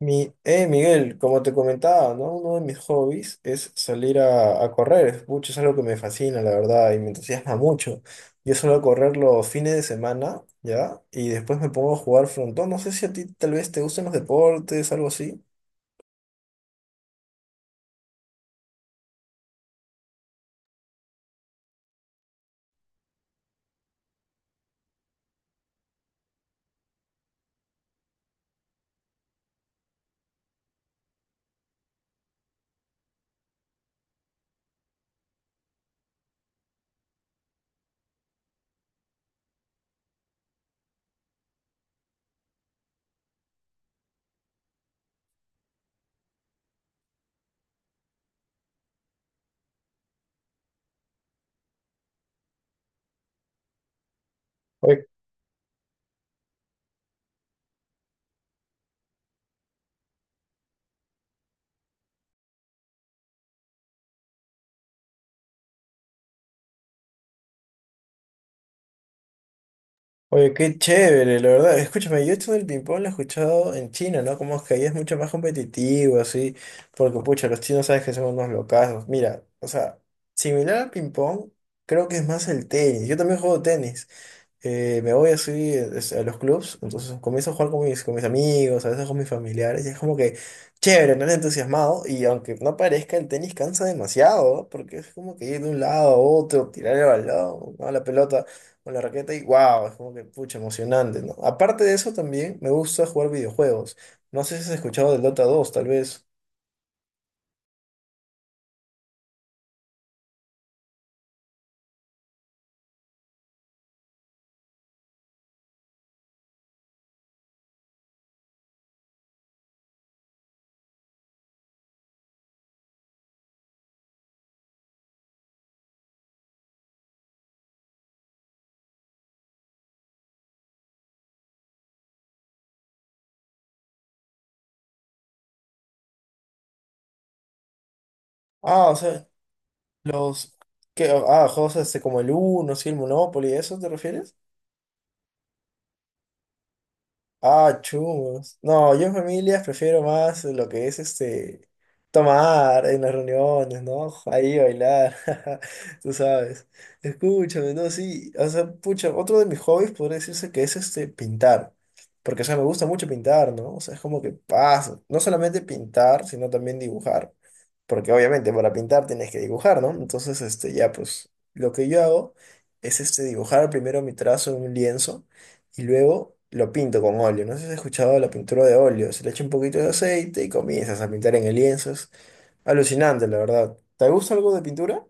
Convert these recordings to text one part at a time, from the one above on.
Miguel, como te comentaba, ¿no? Uno de mis hobbies es salir a correr. Es algo que me fascina, la verdad, y me entusiasma mucho. Yo suelo correr los fines de semana, ¿ya? Y después me pongo a jugar frontón. No sé si a ti tal vez te gusten los deportes, algo así. Oye, oye, qué chévere, la verdad. Escúchame, yo esto del ping-pong lo he escuchado en China, ¿no? Como es que ahí es mucho más competitivo, así. Porque, pucha, los chinos sabes que son unos locazos. Mira, o sea, similar al ping-pong. Creo que es más el tenis. Yo también juego tenis. Me voy así a los clubs, entonces comienzo a jugar con mis amigos, a veces con mis familiares, y es como que chévere, no entusiasmado, y aunque no parezca, el tenis cansa demasiado, ¿no? Porque es como que ir de un lado a otro, tirar el balón, ¿no? La pelota con la raqueta, y wow, es como que pucha, emocionante, ¿no? Aparte de eso, también me gusta jugar videojuegos. No sé si has escuchado del Dota dos tal vez. Ah, o sea, los... que Ah, juegos este, como el Uno, sí, el Monopoly, ¿a eso te refieres? Ah, chumos. No, yo en familias prefiero más lo que es este tomar en las reuniones, ¿no? Ahí bailar, tú sabes. Escúchame, no, sí. O sea, pucha, otro de mis hobbies podría decirse que es este pintar. Porque, o sea, me gusta mucho pintar, ¿no? O sea, es como que pasa. No solamente pintar, sino también dibujar. Porque obviamente para pintar tienes que dibujar, ¿no? Entonces, este, ya, pues, lo que yo hago es este dibujar primero mi trazo en un lienzo y luego lo pinto con óleo. No sé si has escuchado la pintura de óleo. Se le echa un poquito de aceite y comienzas a pintar en el lienzo. Es alucinante, la verdad. ¿Te gusta algo de pintura?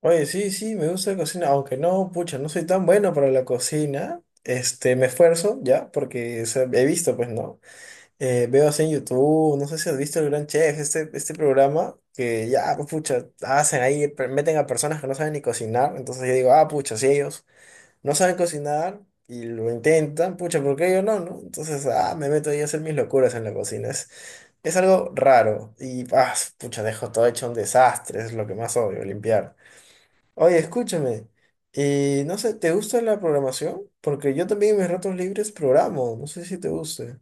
Oye, sí, sí, me gusta la cocina, aunque no, pucha, no soy tan bueno para la cocina. Este, me esfuerzo ya, porque o sea, he visto, pues, ¿no? Veo así en YouTube, no sé si has visto el Gran Chef, este programa que ya, pues, pucha, hacen ahí, meten a personas que no saben ni cocinar, entonces yo digo, ah, pucha, si ellos no saben cocinar y lo intentan, pucha, ¿por qué yo no, no? Entonces, ah, me meto ahí a hacer mis locuras en la cocina. Es algo raro y, ah, pucha, dejo todo hecho un desastre, es lo que más odio, limpiar. Oye, escúchame, y no sé, ¿te gusta la programación? Porque yo también en mis ratos libres programo, no sé si te guste.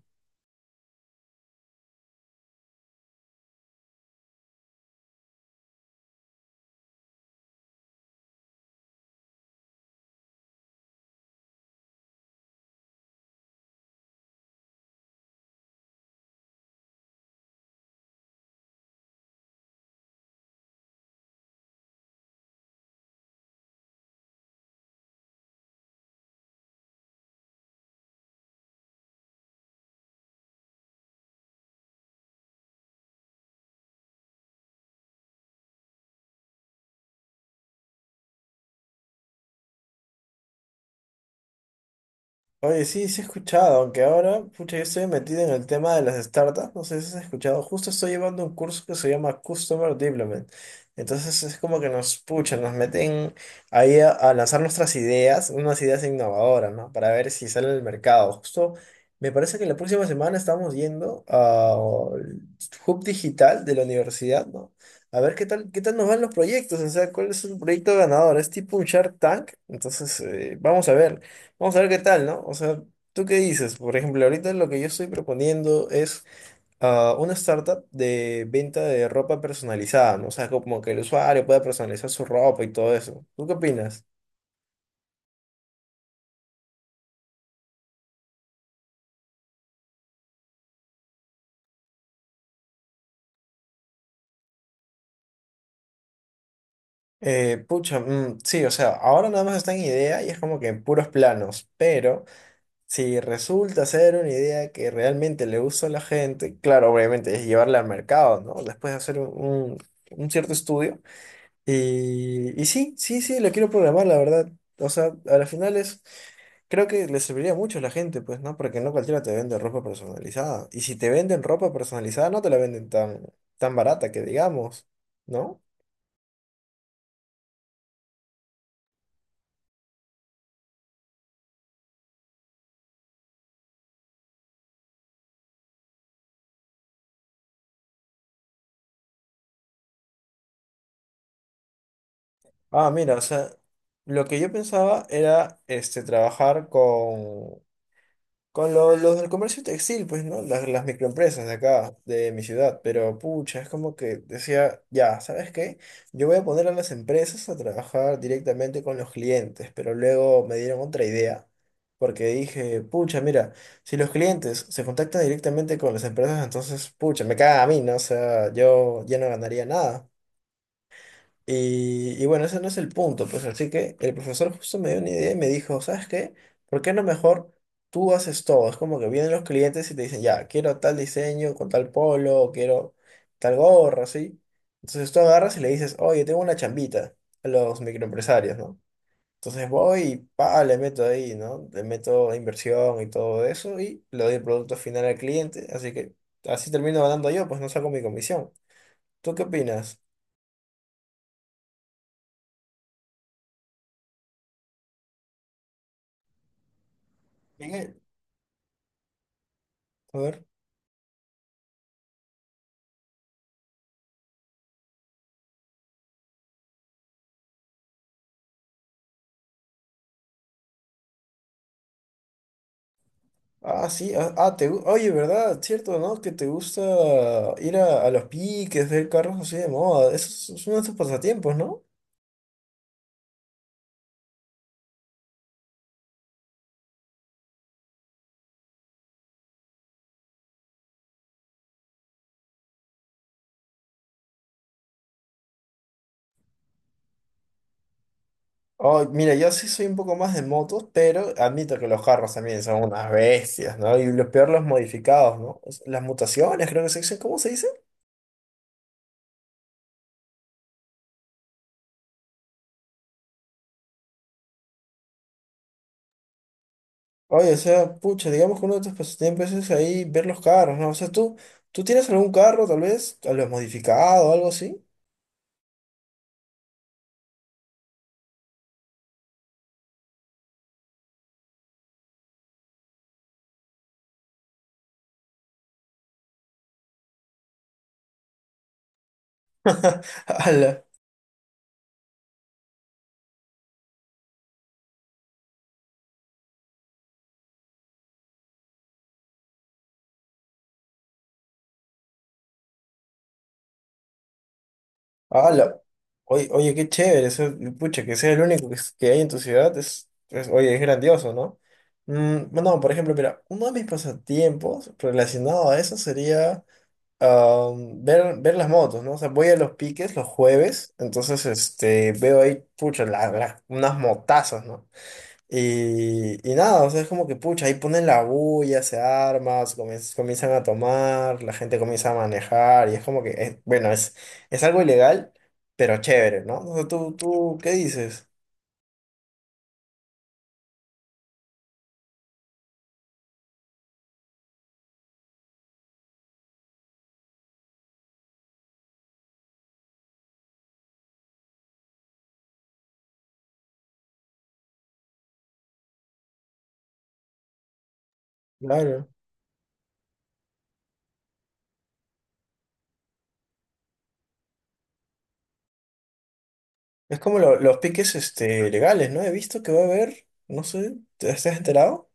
Oye, sí, sí he escuchado, aunque ahora, pucha, yo estoy metido en el tema de las startups, no sé si has escuchado, justo estoy llevando un curso que se llama Customer Development. Entonces es como que nos puchan, nos meten ahí a lanzar nuestras ideas, unas ideas innovadoras, ¿no? Para ver si sale al mercado. Justo me parece que la próxima semana estamos yendo al Hub Digital de la universidad, ¿no? A ver qué tal nos van los proyectos, o sea, cuál es el proyecto ganador. Es tipo un Shark Tank, entonces vamos a ver. Vamos a ver qué tal, ¿no? O sea, ¿tú qué dices? Por ejemplo, ahorita lo que yo estoy proponiendo es una startup de venta de ropa personalizada, ¿no? O sea, como que el usuario pueda personalizar su ropa y todo eso. ¿Tú qué opinas? Sí, o sea, ahora nada más está en idea y es como que en puros planos, pero si resulta ser una idea que realmente le gusta a la gente, claro, obviamente es llevarla al mercado, ¿no? Después de hacer un un cierto estudio. Sí, sí, sí, lo quiero programar, la verdad. O sea, a la final es, creo que le serviría mucho a la gente, pues, ¿no? Porque no cualquiera te vende ropa personalizada. Y si te venden ropa personalizada, no te la venden tan barata que digamos, ¿no? Ah, mira, o sea, lo que yo pensaba era, este, trabajar con. Con los del comercio textil, pues, ¿no? Las microempresas de acá, de mi ciudad. Pero, pucha, es como que decía, ya, ¿sabes qué? Yo voy a poner a las empresas a trabajar directamente con los clientes, pero luego me dieron otra idea. Porque dije, pucha, mira, si los clientes se contactan directamente con las empresas, entonces, pucha, me caga a mí, ¿no? O sea, yo ya no ganaría nada. Y bueno, ese no es el punto, pues así que el profesor justo me dio una idea y me dijo, ¿sabes qué? ¿Por qué no mejor tú haces todo? Es como que vienen los clientes y te dicen, ya, quiero tal diseño con tal polo, quiero tal gorra, ¿sí? Entonces tú agarras y le dices, oye, tengo una chambita a los microempresarios, ¿no? Entonces voy y pa, le meto ahí, ¿no? Le meto inversión y todo eso y le doy el producto final al cliente, así que así termino ganando yo, pues no saco mi comisión. ¿Tú qué opinas? Miguel, a ver. Ah, sí, ah, ah, te, oye, ¿verdad? Cierto, ¿no? Que te gusta ir a los piques, ver carros así de moda. Eso es uno de tus pasatiempos, ¿no? Oh, mira, yo sí soy un poco más de motos, pero admito que los carros también son unas bestias, ¿no? Y lo peor, los modificados, ¿no? O las mutaciones, creo que se dicen, ¿cómo se dice? Oye, o sea, pucha, digamos que uno de tus pasatiempos es ahí ver los carros, ¿no? O sea, tú tienes algún carro, tal vez, a lo modificado o algo así. Ala. Ah, Oye, qué chévere, pucha, que sea el único que, que hay en tu ciudad, es- oye, es grandioso, ¿no? Mm, no, por ejemplo, mira, uno de mis pasatiempos relacionado a eso sería ver las motos, ¿no? O sea, voy a los piques los jueves, entonces este, veo ahí, pucha, unas motazas, ¿no? Y nada, o sea, es como que pucha, ahí ponen la bulla, se arma, se comien comienzan a tomar, la gente comienza a manejar, y es como que, es- bueno, es algo ilegal, pero chévere, ¿no? O sea, ¿tú, tú qué dices? Claro. Es como los piques este, legales, ¿no? He visto que va a haber, no sé, ¿te estás enterado?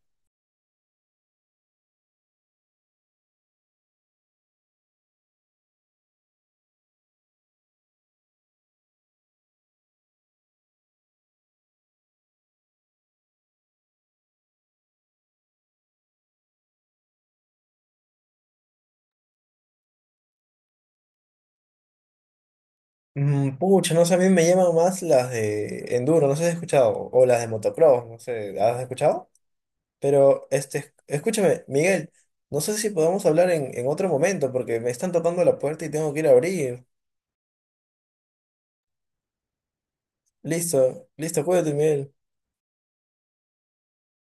Mm, pucha, no sé, a mí me llaman más las de enduro, no sé si has escuchado, o las de motocross, no sé, ¿has escuchado? Pero, este, escúchame, Miguel, no sé si podemos hablar en otro momento porque me están tocando la puerta y tengo que ir a abrir. Listo, listo, cuídate, Miguel.